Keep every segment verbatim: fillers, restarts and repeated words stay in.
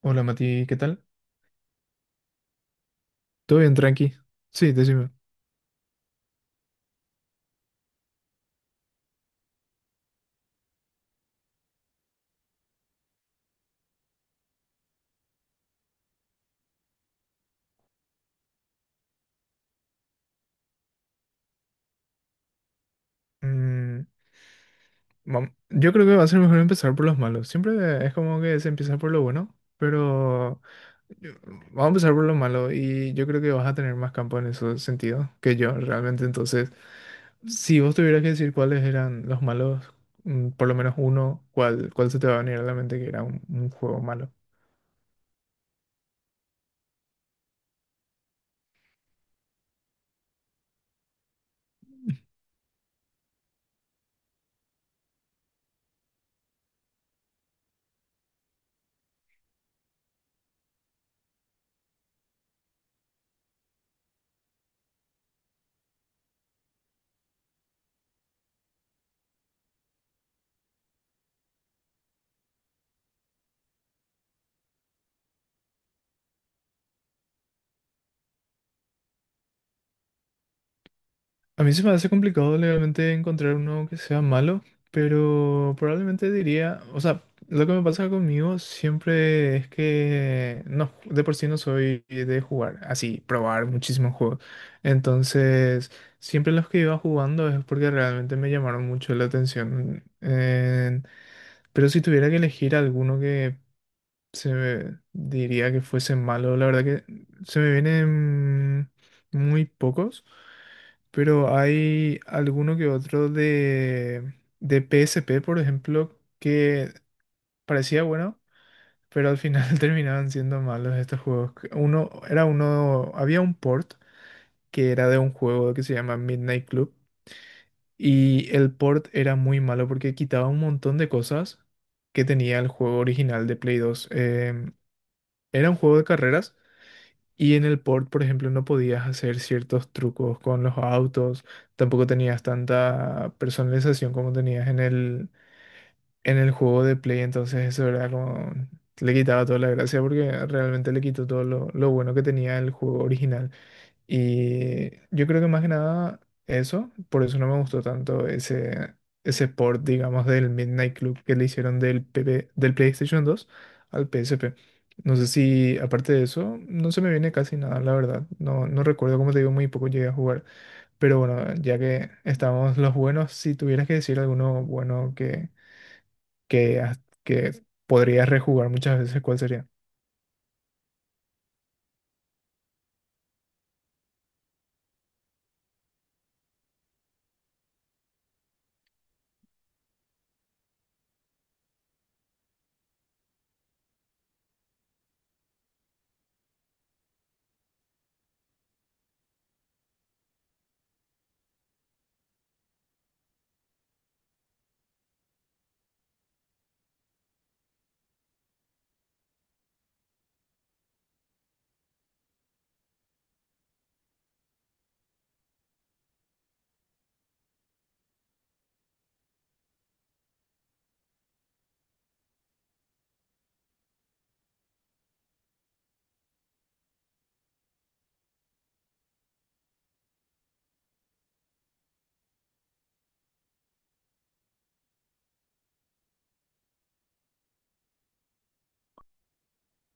Hola Mati, ¿qué tal? ¿Todo bien, tranqui? Sí, decime. Mm, vam- yo creo que va a ser mejor empezar por los malos. Siempre es como que se empieza por lo bueno, pero yo- vamos a empezar por lo malo y yo creo que vas a tener más campo en ese sentido que yo realmente. Entonces, si vos tuvieras que decir cuáles eran los malos, mm, por lo menos uno, ¿cuál, cuál se te va a venir a la mente que era un, un juego malo? A mí se me hace complicado legalmente encontrar uno que sea malo, pero probablemente diría, o sea, lo que me pasa conmigo siempre es que no, de por sí no soy de jugar, así, probar muchísimos juegos. Entonces, siempre los que iba jugando es porque realmente me llamaron mucho la atención. En- pero si tuviera que elegir alguno que se me diría que fuese malo, la verdad que se me vienen muy pocos. Pero hay alguno que otro de, de, P S P, por ejemplo, que parecía bueno, pero al final terminaban siendo malos estos juegos. Que uno, era uno, había un port que era de un juego que se llama Midnight Club y el port era muy malo porque quitaba un montón de cosas que tenía el juego original de Play dos, Em, era un juego de carreras. Y en el port, por ejemplo, no podías hacer ciertos trucos con los autos, tampoco tenías tanta personalización como tenías en el, en el, juego de Play. Entonces, eso era como... Le quitaba toda la gracia porque realmente le quitó todo lo, lo bueno que tenía el juego original. Y yo creo que más que nada eso, por eso no me gustó tanto ese, ese port, digamos, del Midnight Club que le hicieron del PP del PlayStation dos al P S P. No sé si, aparte de eso, no se me viene casi nada, la verdad. No, no recuerdo, como te digo, muy poco llegué a jugar. Pero bueno, ya que estamos los buenos, si tuvieras que decir alguno bueno que, que, has- que podrías rejugar muchas veces, ¿cuál sería?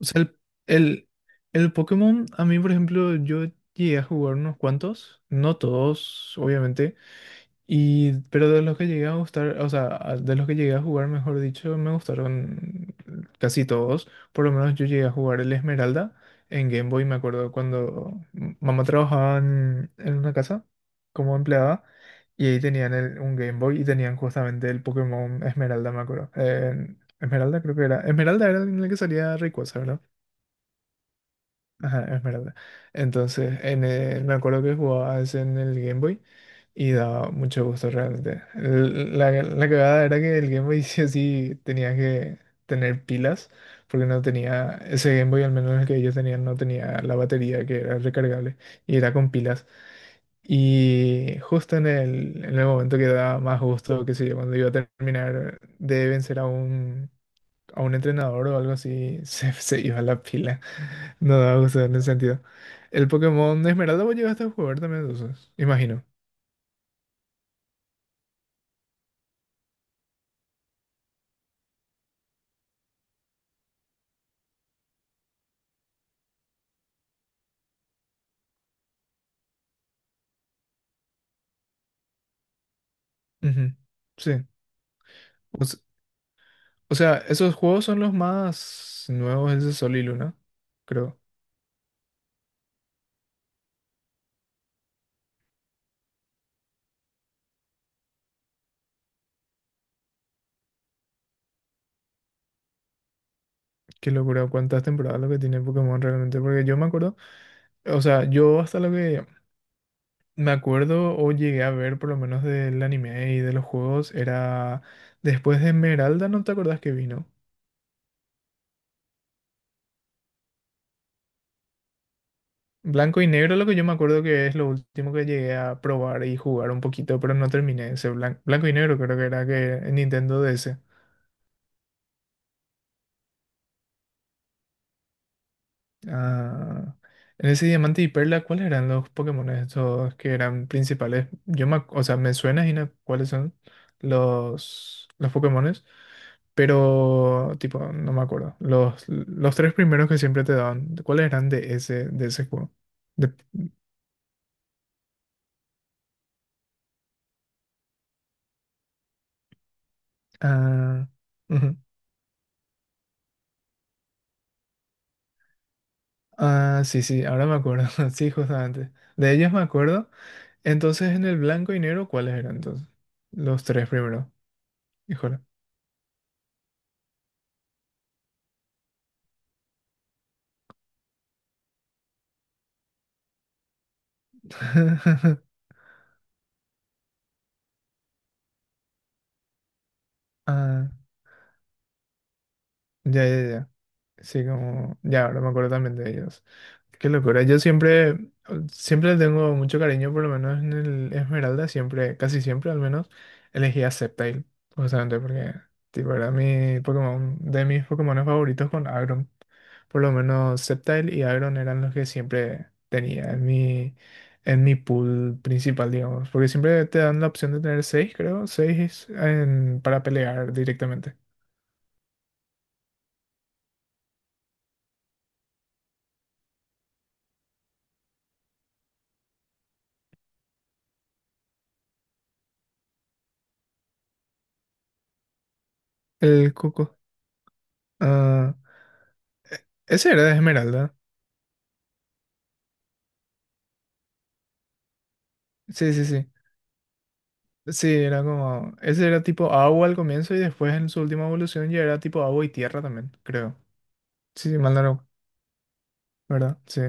O sea, el, el, el Pokémon, a mí, por ejemplo, yo llegué a jugar unos cuantos, no todos, obviamente, y, pero de los que llegué a gustar, o sea, a- de los que llegué a jugar, mejor dicho, me gustaron casi todos. Por lo menos yo llegué a jugar el Esmeralda en Game Boy. Me acuerdo cuando m- mamá trabajaba en, en, una casa como empleada, y ahí tenían el- un Game Boy y tenían justamente el Pokémon Esmeralda, me acuerdo. Eh, Esmeralda creo que era. Esmeralda era en el que salía Rayquaza, ¿verdad? Ajá, es verdad. Entonces, en el- me acuerdo que jugaba ese en el Game Boy y daba mucho gusto realmente. El- La, la cagada era que el Game Boy sí o sí tenía que tener pilas, porque no tenía, ese Game Boy, al menos el que ellos tenían, no tenía la batería que era recargable y era con pilas. Y justo en el, en el, momento que daba más gusto, qué sé yo, cuando iba a terminar de vencer a un, a un entrenador o algo así, se, se iba la pila. No daba gusto en ese sentido. El Pokémon Esmeralda vos llegaste a jugar también, entonces, imagino. Ujú. Sí. O, s- o sea, esos juegos son los más nuevos, ese Sol y Luna, creo. Qué locura, cuántas temporadas lo que tiene Pokémon realmente, porque yo me acuerdo, o sea, yo hasta lo que me acuerdo o llegué a ver por lo menos del anime y de los juegos era después de Esmeralda, ¿no te acordás que vino? Blanco y negro, lo que yo me acuerdo que es lo último que llegué a probar y jugar un poquito, pero no terminé ese blanco, blanco y negro, creo que era que en Nintendo D S. Ah, en ese Diamante y Perla, ¿cuáles eran los Pokémon estos que eran principales? Yo me, ac- o sea, me suena, Gina, cuáles son los, los Pokémones, pero tipo, no me acuerdo. Los, los tres primeros que siempre te daban, ¿cuáles eran de ese, de ese, juego? De, ah, Ah, sí, sí, ahora me acuerdo. Sí, justamente. De ellos me acuerdo. Entonces, en el blanco y negro, ¿cuáles eran entonces? Los tres primero. Híjole. Ah, ya, ya, ya. Sí, como, ya, ahora me acuerdo también de ellos. Qué locura. Yo siempre, siempre le tengo mucho cariño, por lo menos en el Esmeralda, siempre, casi siempre al menos, elegí a Sceptile, justamente porque, tipo, era mi Pokémon, de mis Pokémon favoritos con Agron. Por lo menos Sceptile y Agron eran los que siempre tenía en mi, en mi, pool principal, digamos, porque siempre te dan la opción de tener seis, creo, seis en- para pelear directamente. El Cuco. Ah, ese era de Esmeralda. Sí, sí, sí. Sí, era como. Ese era tipo agua al comienzo y después en su última evolución ya era tipo agua y tierra también, creo. Sí, sí, mal no recu- ¿verdad? Sí.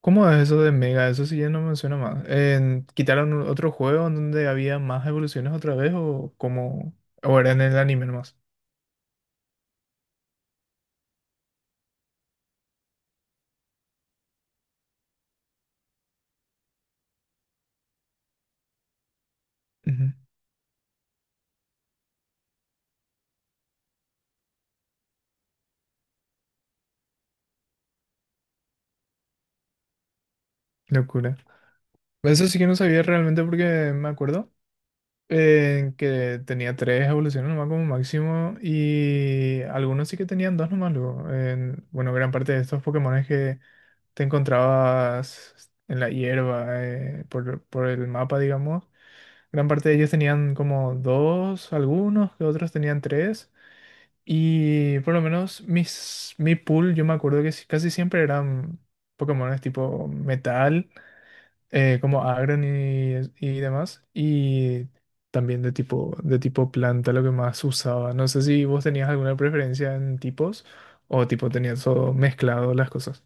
¿Cómo es eso de Mega? Eso sí ya no me suena más. En- ¿quitaron u- otro juego en donde había más evoluciones otra vez, o como. ¿O era en el anime nomás? Ujú. Locura. Eso sí que no sabía realmente porque me acuerdo, eh, que tenía tres evoluciones nomás como máximo y algunos sí que tenían dos nomás luego. En- bueno, gran parte de estos Pokémones que te encontrabas en la hierba, eh, por, por el mapa, digamos, gran parte de ellos tenían como dos, algunos, que otros tenían tres. Y por lo menos mis, mi pool, yo me acuerdo que sí- casi siempre eran Pokémones tipo metal, eh, como Agron y, y demás, y también de tipo, de tipo planta, lo que más usaba. No sé si vos tenías alguna preferencia en tipos o tipo tenías todo mezclado las cosas.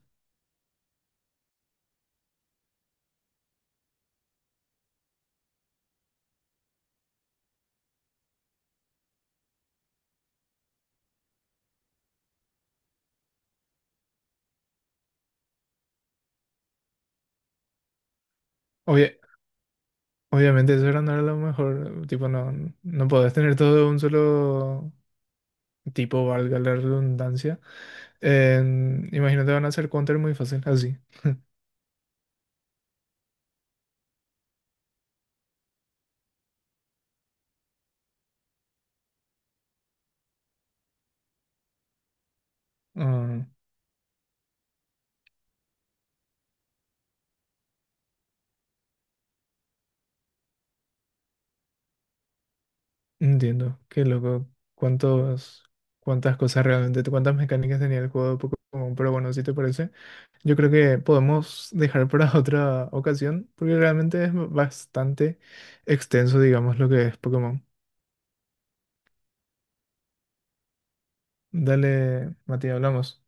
Obvia- Obviamente eso era, no era lo mejor, tipo no, no podés tener todo de un solo tipo, valga la redundancia. En- imagínate, van a hacer counter muy fácil, así. Ah, entiendo, qué loco. ¿Cuántos, cuántas cosas realmente, cuántas mecánicas tenía el juego de Pokémon? Pero bueno, si te parece. Yo creo que podemos dejar para otra ocasión, porque realmente es bastante extenso, digamos, lo que es Pokémon. Dale, Matías, hablamos.